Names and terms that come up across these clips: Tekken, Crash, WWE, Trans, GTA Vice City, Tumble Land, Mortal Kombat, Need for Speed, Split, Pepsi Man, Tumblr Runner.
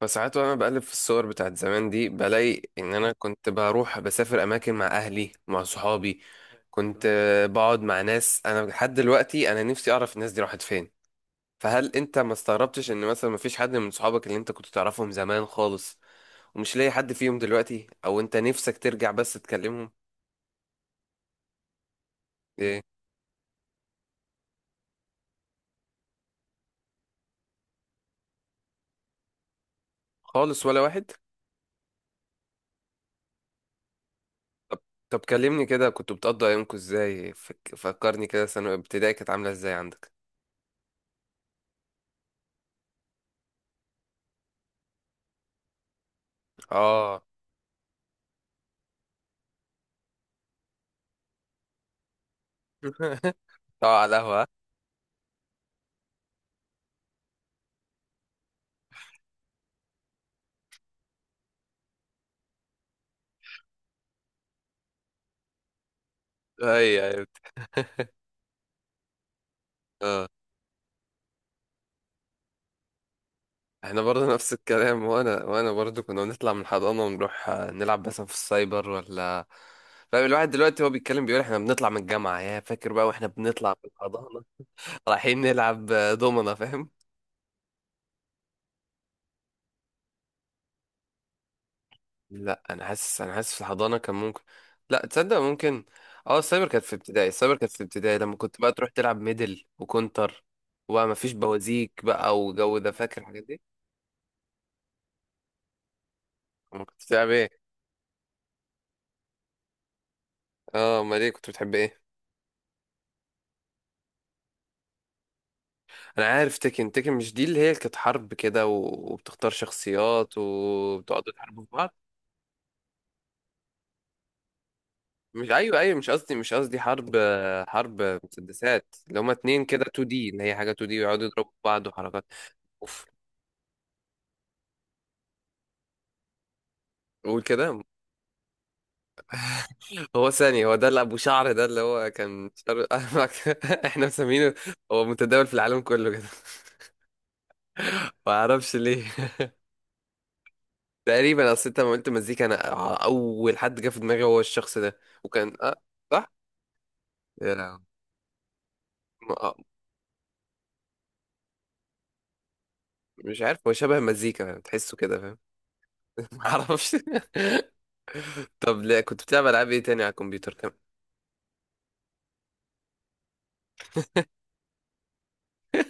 فساعات وانا بقلب في الصور بتاعت زمان دي بلاقي ان انا كنت بروح بسافر اماكن مع اهلي مع صحابي. كنت بقعد مع ناس انا لحد دلوقتي، انا نفسي اعرف الناس دي راحت فين. فهل انت ما استغربتش ان مثلا ما فيش حد من صحابك اللي انت كنت تعرفهم زمان خالص ومش لاقي حد فيهم دلوقتي، او انت نفسك ترجع بس تكلمهم؟ إيه؟ خالص ولا واحد؟ طب طب كلمني كده، كنتوا بتقضوا ايامكم ازاي؟ فكرني كده، سنة ابتدائي كانت عاملة ازاي عندك؟ اه. اه، على القهوة. اي. اي. اه. احنا برضه نفس الكلام، وانا برضه كنا بنطلع من الحضانه ونروح نلعب مثلا في السايبر ولا. فاهم الواحد دلوقتي هو بيتكلم بيقول احنا بنطلع من الجامعه، يا فاكر بقى واحنا بنطلع من الحضانه رايحين نلعب دومنه، فاهم. لا انا حاسس في الحضانه كان ممكن. لا تصدق ممكن. اه، السايبر كانت في ابتدائي، السايبر كانت في ابتدائي لما كنت بقى تروح تلعب ميدل وكونتر، وما فيش بوازيك بقى وجو ده، فاكر الحاجات دي؟ أما كنت بتلعب ايه؟ اه، امال ايه كنت بتحب ايه؟ انا عارف تيكن. تيكن مش دي اللي هي كانت حرب كده و- وبتختار شخصيات وبتقعدوا تحاربوا في بعض؟ مش، ايوه ايوه، مش قصدي حرب. حرب مسدسات اللي هما اتنين كده، 2 دي اللي هي حاجه 2 دي ويقعدوا يضربوا في بعض وحركات. اوف، قول كده. هو ثاني، هو ده اللي ابو شعر، ده اللي هو كان شعر احنا مسمينه. هو متداول في العالم كله كده ما اعرفش ليه تقريبا، اصل انت لما قلت مزيكا انا اول حد جه في دماغي هو الشخص ده. وكان اه، صح. يا لهوي. مش عارف، هو شبه مزيكا، تحسه كده، فاهم؟ معرفش. طب، لا كنت بتلعب العاب ايه تاني على الكمبيوتر كمان؟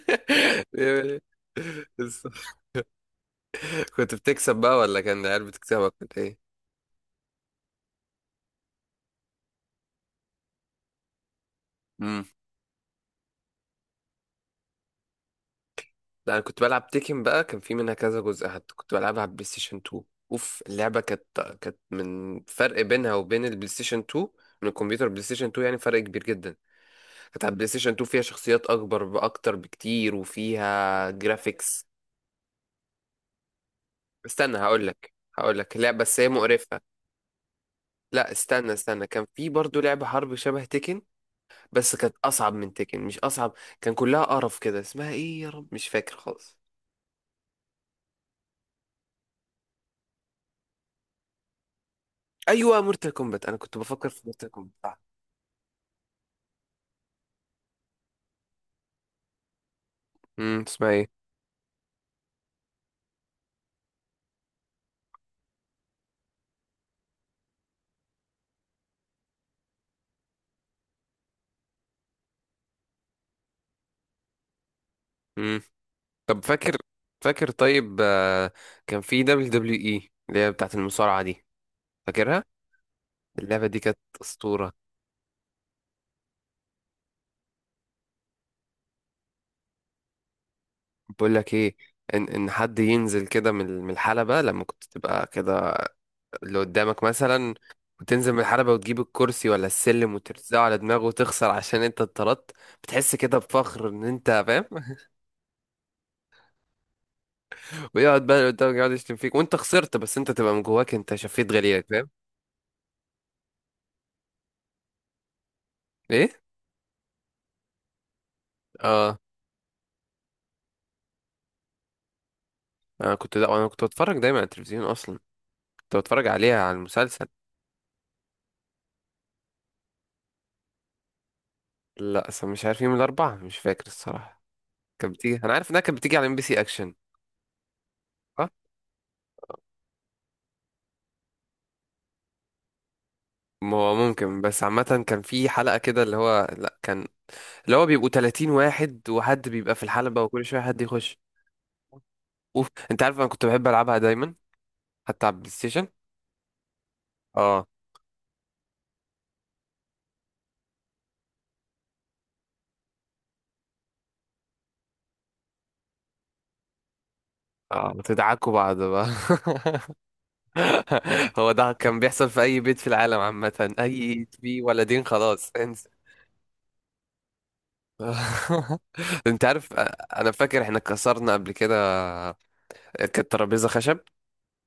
إيه، كنت بتكسب بقى ولا كان العيال بتكسبك؟ كنت ايه؟ امم. لا انا كنت بلعب تيكن بقى، كان في منها كذا جزء، حتى كنت بلعبها على البلاي ستيشن 2. اوف، اللعبه كانت، كانت من فرق بينها وبين البلاي ستيشن 2. من الكمبيوتر بلاي ستيشن 2، يعني فرق كبير جدا. كانت على البلاي ستيشن 2 فيها شخصيات اكبر، باكتر بكتير، وفيها جرافيكس. استنى هقول لك لا، بس هي مقرفه. لا، استنى استنى، كان في برضو لعبة حرب شبه تيكن، بس كانت أصعب من تيكن، مش أصعب، كان كلها قرف كده، اسمها إيه يا رب، مش فاكر خالص. أيوة، مورتال كومبات، أنا كنت بفكر في مورتال كومبات، صح. امم، اسمها ايه؟ امم، طب فاكر طيب كان في دبليو دبليو اي اللي هي بتاعت المصارعة دي، فاكرها؟ اللعبة دي كانت أسطورة. بقول لك ايه، ان حد ينزل كده من الحلبة، لما كنت تبقى كده اللي قدامك مثلا، وتنزل من الحلبة وتجيب الكرسي ولا السلم وترزعه على دماغه وتخسر عشان انت اتطردت. بتحس كده بفخر ان انت، فاهم؟ ويقعد بقى اللي قدامك يقعد يشتم فيك وانت خسرت بس انت تبقى من جواك انت شفيت غليلك، فاهم؟ ايه. اه، انا كنت، لا، انا كنت بتفرج دايما على التلفزيون اصلا، كنت بتفرج عليها على المسلسل. لا، اصلا مش عارف، يوم الاربعاء مش فاكر الصراحة. كانت بتيجي، انا عارف انها كانت بتيجي على ام بي سي اكشن. اه، ما هو ممكن، بس عامة كان في حلقة كده اللي هو، لا كان اللي هو بيبقوا 30 واحد، وحد بيبقى في الحلبة وكل شوية حد يخش. اوف، انت عارف انا كنت بحب العبها دايما، حتى على البلاي ستيشن. اه اه، بتدعكوا بعض بقى. هو ده كان بيحصل في اي بيت في العالم عامة، اي في ولدين خلاص انسى. انت عارف، انا فاكر احنا كسرنا قبل كده. كانت ترابيزة خشب،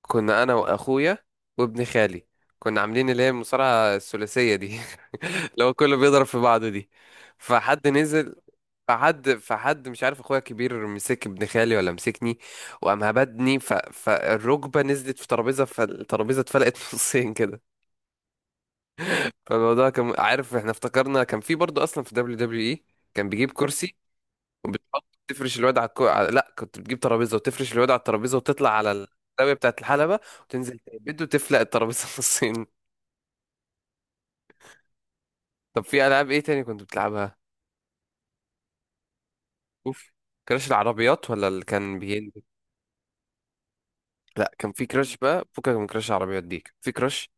كنا انا واخويا وابن خالي، كنا عاملين اللي هي المصارعة الثلاثية دي اللي هو كله بيضرب في بعضه دي. فحد نزل، فحد مش عارف اخويا الكبير مسك ابن خالي ولا مسكني، وقام هبدني فالركبة نزلت في ترابيزة، فالترابيزة اتفلقت نصين كده. فالموضوع كان، عارف احنا افتكرنا كان في برضه اصلا في دبليو دبليو اي كان بيجيب كرسي وبتحط تفرش الواد لا، كنت بتجيب ترابيزه وتفرش الواد على الترابيزه وتطلع على الزاويه بتاعت الحلبه وتنزل تبد وتفلق الترابيزه نصين. طب في العاب ايه تاني كنت بتلعبها؟ اوف، كراش العربيات ولا اللي كان بينزل؟ لا، كان في كراش بقى، فكك من كراش العربيات دي، كان في كراش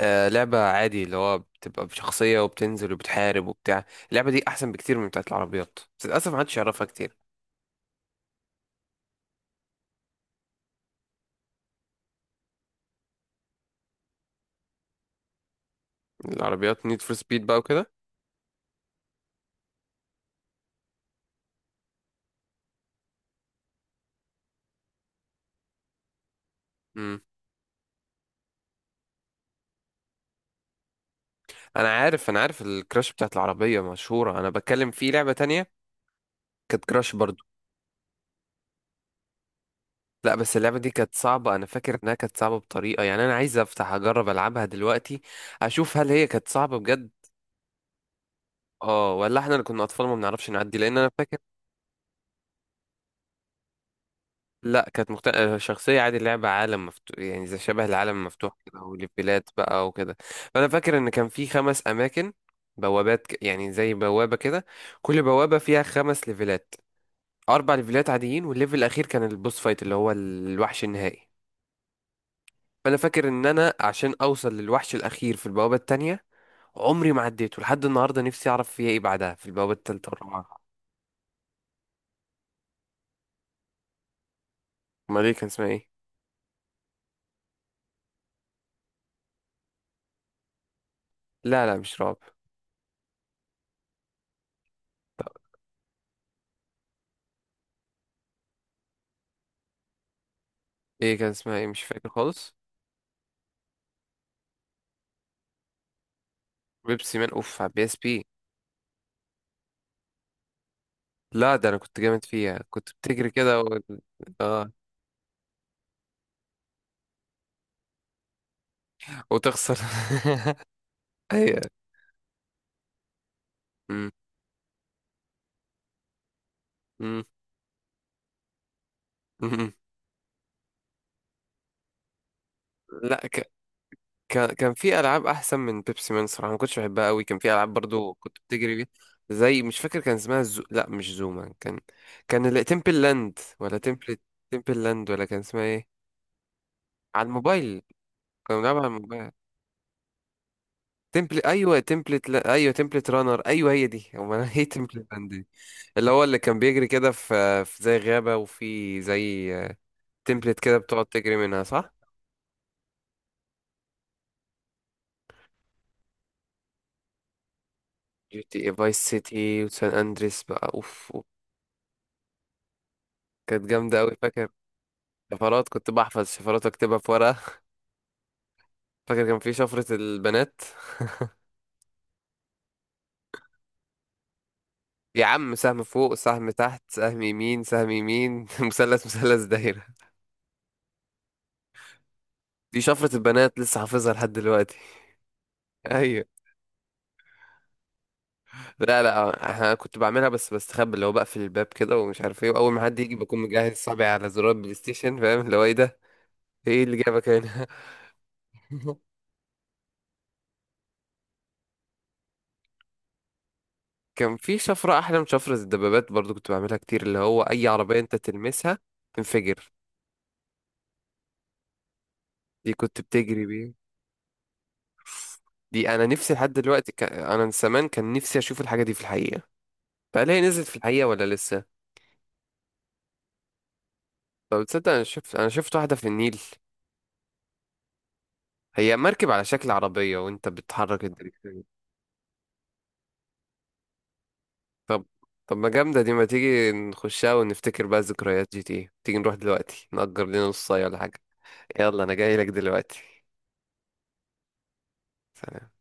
لعبه عادي، اللي هو بتبقى بشخصيه وبتنزل وبتحارب وبتاع. اللعبه دي احسن بكتير من بتاعت العربيات، بس للاسف محدش يعرفها كتير. العربيات نيد فور سبيد بقى وكده. امم، انا عارف الكراش بتاعت العربيه مشهوره، انا بتكلم في لعبه تانية، كانت كراش برضو. لا بس اللعبة دي كانت صعبة، أنا فاكر إنها كانت صعبة بطريقة، يعني أنا عايز أفتح أجرب ألعبها دلوقتي، أشوف هل هي كانت صعبة بجد اه ولا احنا اللي كنا أطفال ما بنعرفش نعدي، لأن أنا فاكر. لا كانت مخت... آه، شخصية عادي، اللعبة عالم مفتوح، يعني زي شبه العالم المفتوح كده، وليفلات بقى وكده. فأنا فاكر إن كان في خمس أماكن، بوابات يعني زي بوابة كده، كل بوابة فيها خمس ليفلات، أربع ليفلات عاديين والليفل الأخير كان البوس فايت اللي هو الوحش النهائي. فانا فاكر ان انا عشان اوصل للوحش الاخير في البوابه التانية، عمري ما عديته لحد النهارده. نفسي اعرف فيها ايه، إيه بعدها في البوابه التالتة والرابعه. امال ايه كان اسمها ايه؟ لا لا، مش رعب. ايه كان اسمها، ايه؟ مش فاكر خالص. بيبسي مان، اوف، على بي اس بي. لا، ده انا كنت جامد فيها، كنت بتجري كده و... اه، وتخسر. ايوه. أمم. أمم. أمم. لا، كان في العاب احسن من بيبسي مان صراحه، ما كنتش بحبها قوي. كان في العاب برضو كنت بتجري بيها، زي مش فاكر كان اسمها لا مش زوما، كان تمبل لاند ولا تمبل، تمبل لاند، ولا كان اسمها ايه؟ على الموبايل، كنا بنلعبها على الموبايل. تمبل، ايوه تمبلت، لا... ايوه تمبلت رانر، ايوه هي دي هو انا هي تمبلت لاند دي اللي هو اللي كان بيجري كده في زي غابه، وفي زي تمبلت كده بتقعد تجري منها، صح. جي تي اي فايس سيتي وسان اندريس بقى، اوف، أوف. كانت جامده قوي، فاكر. شفرات كنت بحفظ شفرات اكتبها في ورقة فاكر كان في شفرة البنات؟ يا عم سهم فوق سهم تحت سهم يمين سهم يمين مثلث مثلث دايرة. دي شفرة البنات لسه حافظها لحد دلوقتي ايوه. لا لا، انا كنت بعملها بس بستخبى، اللي هو بقفل الباب كده ومش عارف ايه، واول ما حد يجي بكون مجهز صابعي على زرار بلاي ستيشن، فاهم اللي هو ايه ده؟ ايه اللي جابك هنا؟ كان في شفرة احلى من شفرة الدبابات برضو كنت بعملها كتير، اللي هو اي عربية انت تلمسها تنفجر. دي كنت بتجري. دي انا نفسي لحد دلوقتي انا من زمان كان نفسي اشوف الحاجه دي في الحقيقه. فهل هي نزلت في الحقيقه ولا لسه؟ طب تصدق، انا شفت واحده في النيل؟ هي مركب على شكل عربيه، وانت بتحرك الدركسيون. طب طب ما جامده دي، ما تيجي نخشها ونفتكر بقى ذكريات جي تي، تيجي نروح دلوقتي نأجر لنا نص ساعه ولا حاجه. يلا انا جاي لك دلوقتي. سلام.